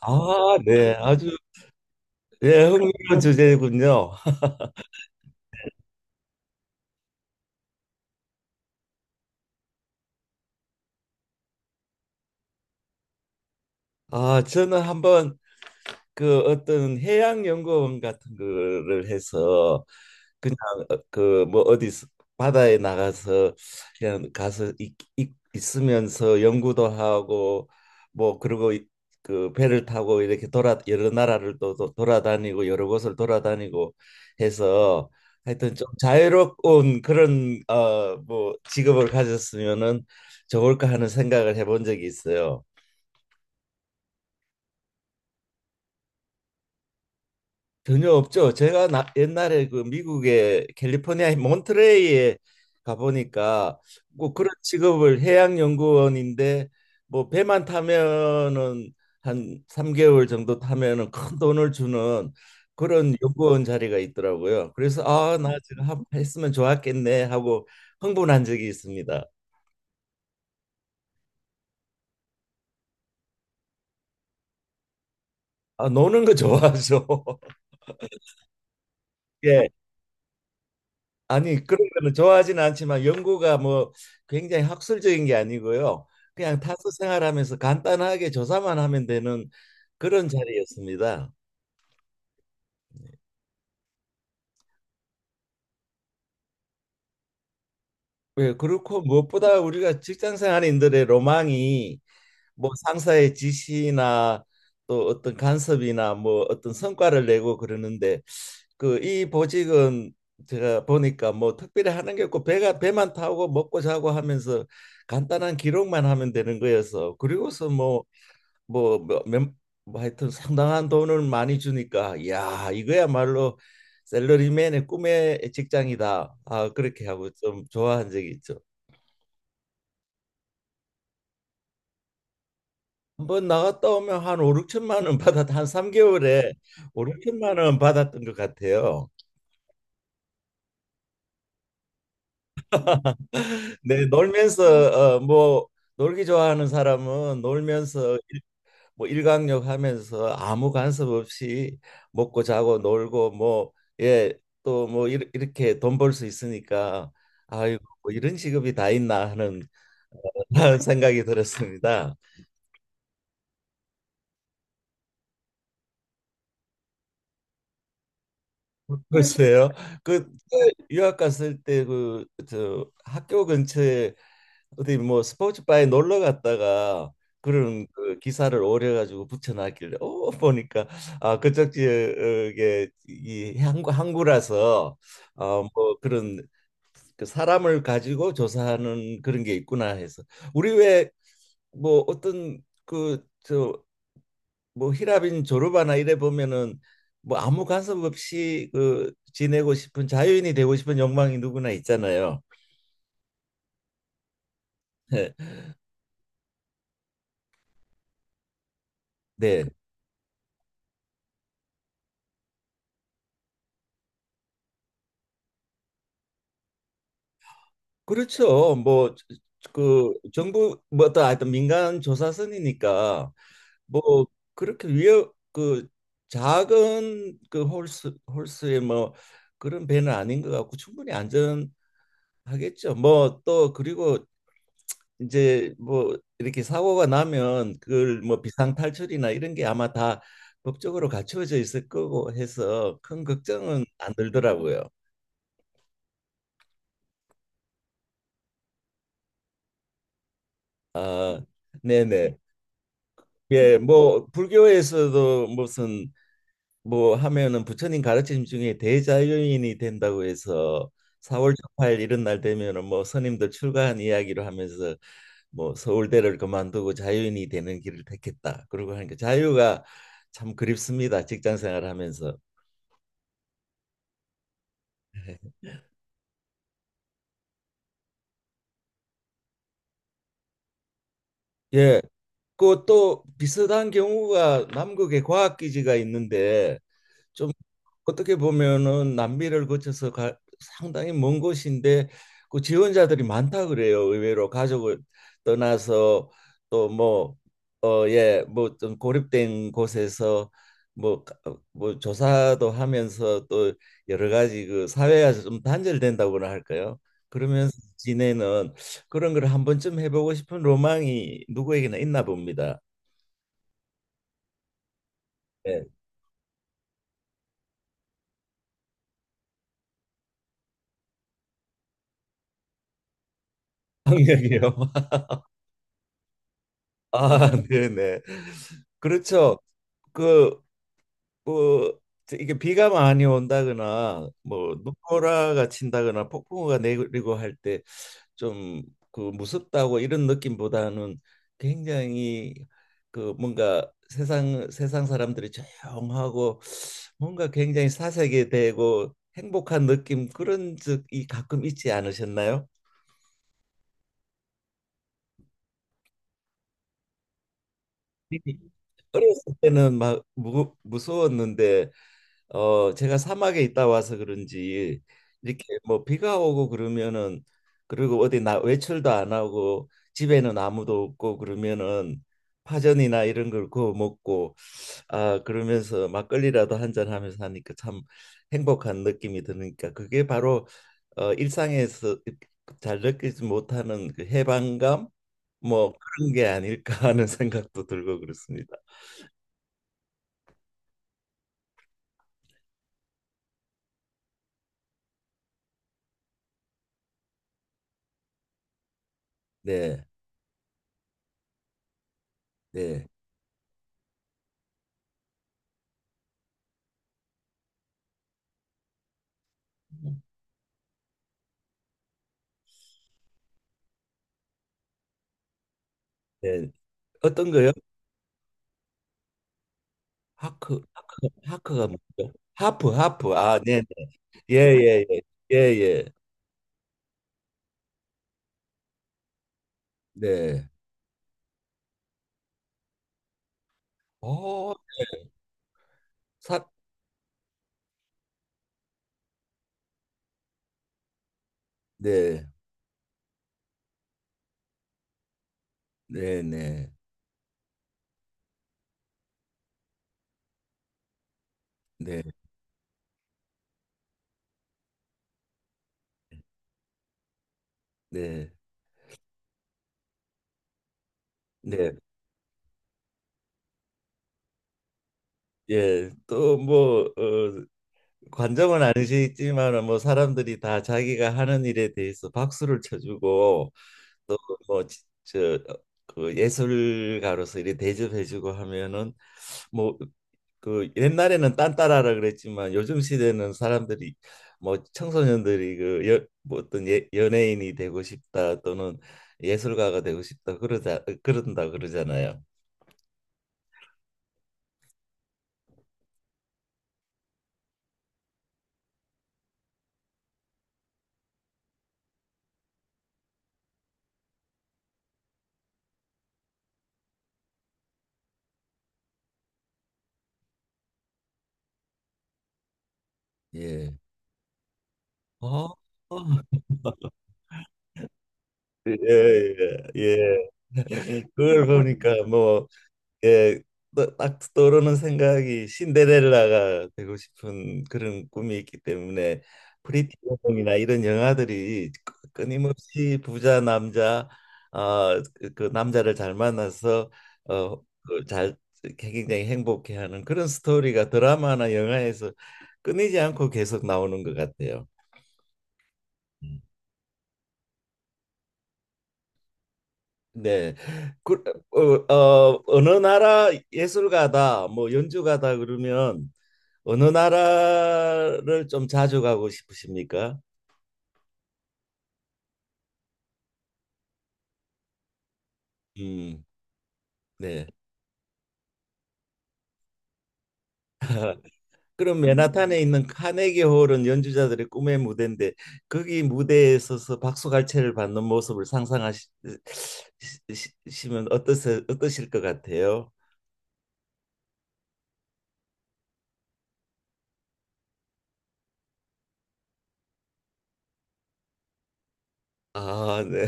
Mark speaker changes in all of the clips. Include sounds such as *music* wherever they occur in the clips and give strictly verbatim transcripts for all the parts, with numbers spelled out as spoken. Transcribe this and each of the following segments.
Speaker 1: 아, 네. 아주 예, 흥미로운 주제군요. 아, 저는 한번 그 어떤 해양 연구원 같은 거를 해서 그냥 어, 그뭐 어디 바다에 나가서 그냥 가서 있, 있, 있으면서 연구도 하고 뭐 그리고 이- 그 배를 타고 이렇게 돌아 여러 나라를 또, 또 돌아다니고 여러 곳을 돌아다니고 해서 하여튼 좀 자유로운 그런 어 뭐 직업을 가졌으면은 좋을까 하는 생각을 해본 적이 있어요. 전혀 없죠. 제가 나, 옛날에 그 미국의 캘리포니아 몬트레이에 가보니까 뭐 그런 직업을 해양연구원인데 뭐 배만 타면은 한 삼 개월 정도 타면은 큰 돈을 주는 그런 연구원 자리가 있더라고요. 그래서 아, 나 지금 한- 했으면 좋았겠네 하고 흥분한 적이 있습니다. 아, 노는 거 좋아하죠. *laughs* 예. 아니 그런 거는 좋아하지는 않지만 연구가 뭐 굉장히 학술적인 게 아니고요. 그냥 타서 생활하면서 간단하게 조사만 하면 되는 그런 자리였습니다. 예, 그렇고 무엇보다 우리가 직장 생활인들의 로망이 뭐 상사의 지시나 또 어떤 간섭이나 뭐 어떤 성과를 내고 그러는데 그 이 보직은 제가 보니까 뭐 특별히 하는 게 없고 배가 배만 타고 먹고 자고 하면서 간단한 기록만 하면 되는 거여서 그리고서 뭐 뭐몇 하여튼 상당한 돈을 많이 주니까 야 이거야말로 샐러리맨의 꿈의 직장이다. 아 그렇게 하고 좀 좋아한 적이 있죠. 한번 나갔다 오면 한오육천만원 받았 한 삼개월에오육천만원 받았던 것 같아요. *laughs* 네, 놀면서 어, 뭐 놀기 좋아하는 사람은 놀면서 뭐 일광욕 하면서 아무 간섭 없이 먹고 자고 놀고 뭐 예 또 뭐 이렇게 돈 벌 수 있으니까 아이고 뭐 이런 직업이 다 있나 하는 *laughs* 생각이 들었습니다. 글쎄요. 그 유학 갔을 때 그 저 학교 근처에 어디 뭐 스포츠바에 놀러 갔다가 그런 그 기사를 오려 가지고 붙여놨길래 어 보니까 아 그쪽 지역에 이 항구 항구라서 어뭐 그런 그 사람을 가지고 조사하는 그런 게 있구나 해서 우리 왜 뭐 어떤 그 저 뭐 히라빈 조르바나 이래 보면은 뭐 아무 간섭 없이 그 지내고 싶은 자유인이 되고 싶은 욕망이 누구나 있잖아요. *laughs* 네. 그렇죠. 뭐 그 정부 뭐 어떤 하여튼 민간 조사선이니까 뭐 그렇게 위협 그 작은 그 홀스 홀스의 뭐 그런 배는 아닌 것 같고 충분히 안전하겠죠. 뭐 또 그리고 이제 뭐 이렇게 사고가 나면 그걸 뭐 비상 탈출이나 이런 게 아마 다 법적으로 갖추어져 있을 거고 해서 큰 걱정은 안 들더라고요. 아, 네네. 예, 뭐 불교에서도 무슨 뭐 하면은 부처님 가르침 중에 대자연인이 된다고 해서 사월 십팔 일 이런 날 되면은 뭐 스님들 출가한 이야기로 하면서 뭐 서울대를 그만두고 자유인이 되는 길을 택했다. 그러고 하니까 자유가 참 그립습니다. 직장 생활하면서. 예. 그 또 비슷한 경우가 남극에 과학기지가 있는데 좀 어떻게 보면은 남미를 거쳐서 가, 상당히 먼 곳인데 그 지원자들이 많다 그래요. 의외로 가족을 떠나서 또 뭐 어 예 뭐 좀 고립된 곳에서 뭐 뭐 조사도 하면서 또 여러 가지 그 사회에서 좀 단절된다고나 할까요? 그러면서 지내는 그런 걸 한 번쯤 해보고 싶은 로망이 누구에게나 있나 봅니다. 네. *laughs* 학력이요. *laughs* 아, 네네. 그렇죠. 그, 그 이게 비가 많이 온다거나 뭐 눈보라가 친다거나 폭풍우가 내리고 할 때 좀 그 무섭다고 이런 느낌보다는 굉장히 그 뭔가 세상 세상 사람들이 조용하고 뭔가 굉장히 사색이 되고 행복한 느낌 그런 적이 가끔 있지 않으셨나요? 네. 어렸을 때는 막 무, 무서웠는데 어, 제가 사막에 있다 와서 그런지 이렇게 뭐 비가 오고 그러면은 그리고 어디 나 외출도 안 하고 집에는 아무도 없고 그러면은 파전이나 이런 걸 구워 먹고 아 그러면서 막걸리라도 한 잔 하면서 하니까 참 행복한 느낌이 드니까 그게 바로 어 일상에서 잘 느끼지 못하는 그 해방감 뭐 그런 게 아닐까 *laughs* 하는 생각도 들고 그렇습니다. 네. 네. 네. 어떤 거요? 하크 하크 하크가 뭐죠? 하프 하프 아 네네 예예예 예예 네. 어, 사, 네, 네, 네, 네, 네, 네. 예, 또 뭐, 어, 관정은 아니시지만 뭐 사람들이 다 자기가 하는 일에 대해서 박수를 쳐주고 또뭐저그 예술가로서 이렇게 대접해주고 하면은 뭐 그 옛날에는 딴따라라 그랬지만 요즘 시대는 사람들이 뭐 청소년들이 그 여, 뭐 어떤 예, 연예인이 되고 싶다 또는 예술가가 되고 싶다 그러자 그런다 그러잖아요. 예. 어? 어. 예, 예, 예. *laughs* 그걸 보니까 뭐 예, 또- 딱 떠오르는 생각이 신데렐라가 되고 싶은 그런 꿈이 있기 때문에 프리티 우먼이나 이런 영화들이 끊- 끊임없이 부자 남자 아, 그그 남자를 잘 만나서 어, 그잘 굉장히 행복해하는 그런 스토리가 드라마나 영화에서 끊이지 않고 계속 나오는 것 같아요. 음. 네, 그, 어, 어, 어느 나라 예술가다, 뭐 연주가다 그러면 어느 나라를 좀 자주 가고 싶으십니까? 음, 네. 그럼 맨하탄에 있는 카네기 홀은 연주자들의 꿈의 무대인데 거기 무대에 서서 박수갈채를 받는 모습을 상상하시면 어떠세, 어떠실 것 같아요? 아, 네.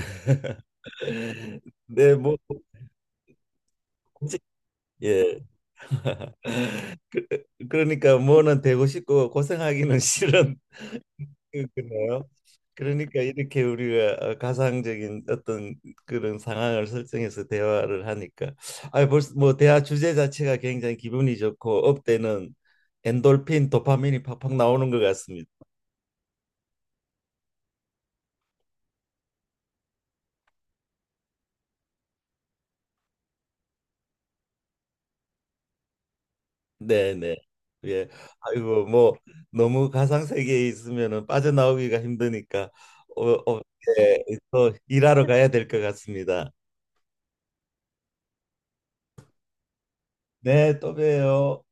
Speaker 1: *laughs* 네, 뭐 굳이- 예. *laughs* 그, 그러니까 뭐는 되고 싶고 고생하기는 *laughs* 싫은 그래요? 그러니까 이렇게 우리가 어, 가상적인 어떤 그런 상황을 설정해서 대화를 하니까 아 벌써 뭐 대화 주제 자체가 굉장히 기분이 좋고 업되는 엔돌핀 도파민이 팍팍 나오는 것 같습니다. 네네. 예. 아이고 뭐 너무 가상 세계에 있으면은 빠져나오기가 힘드니까 어, 어, 예. 또 일하러 가야 될 것 같습니다. 네, 또 봬요.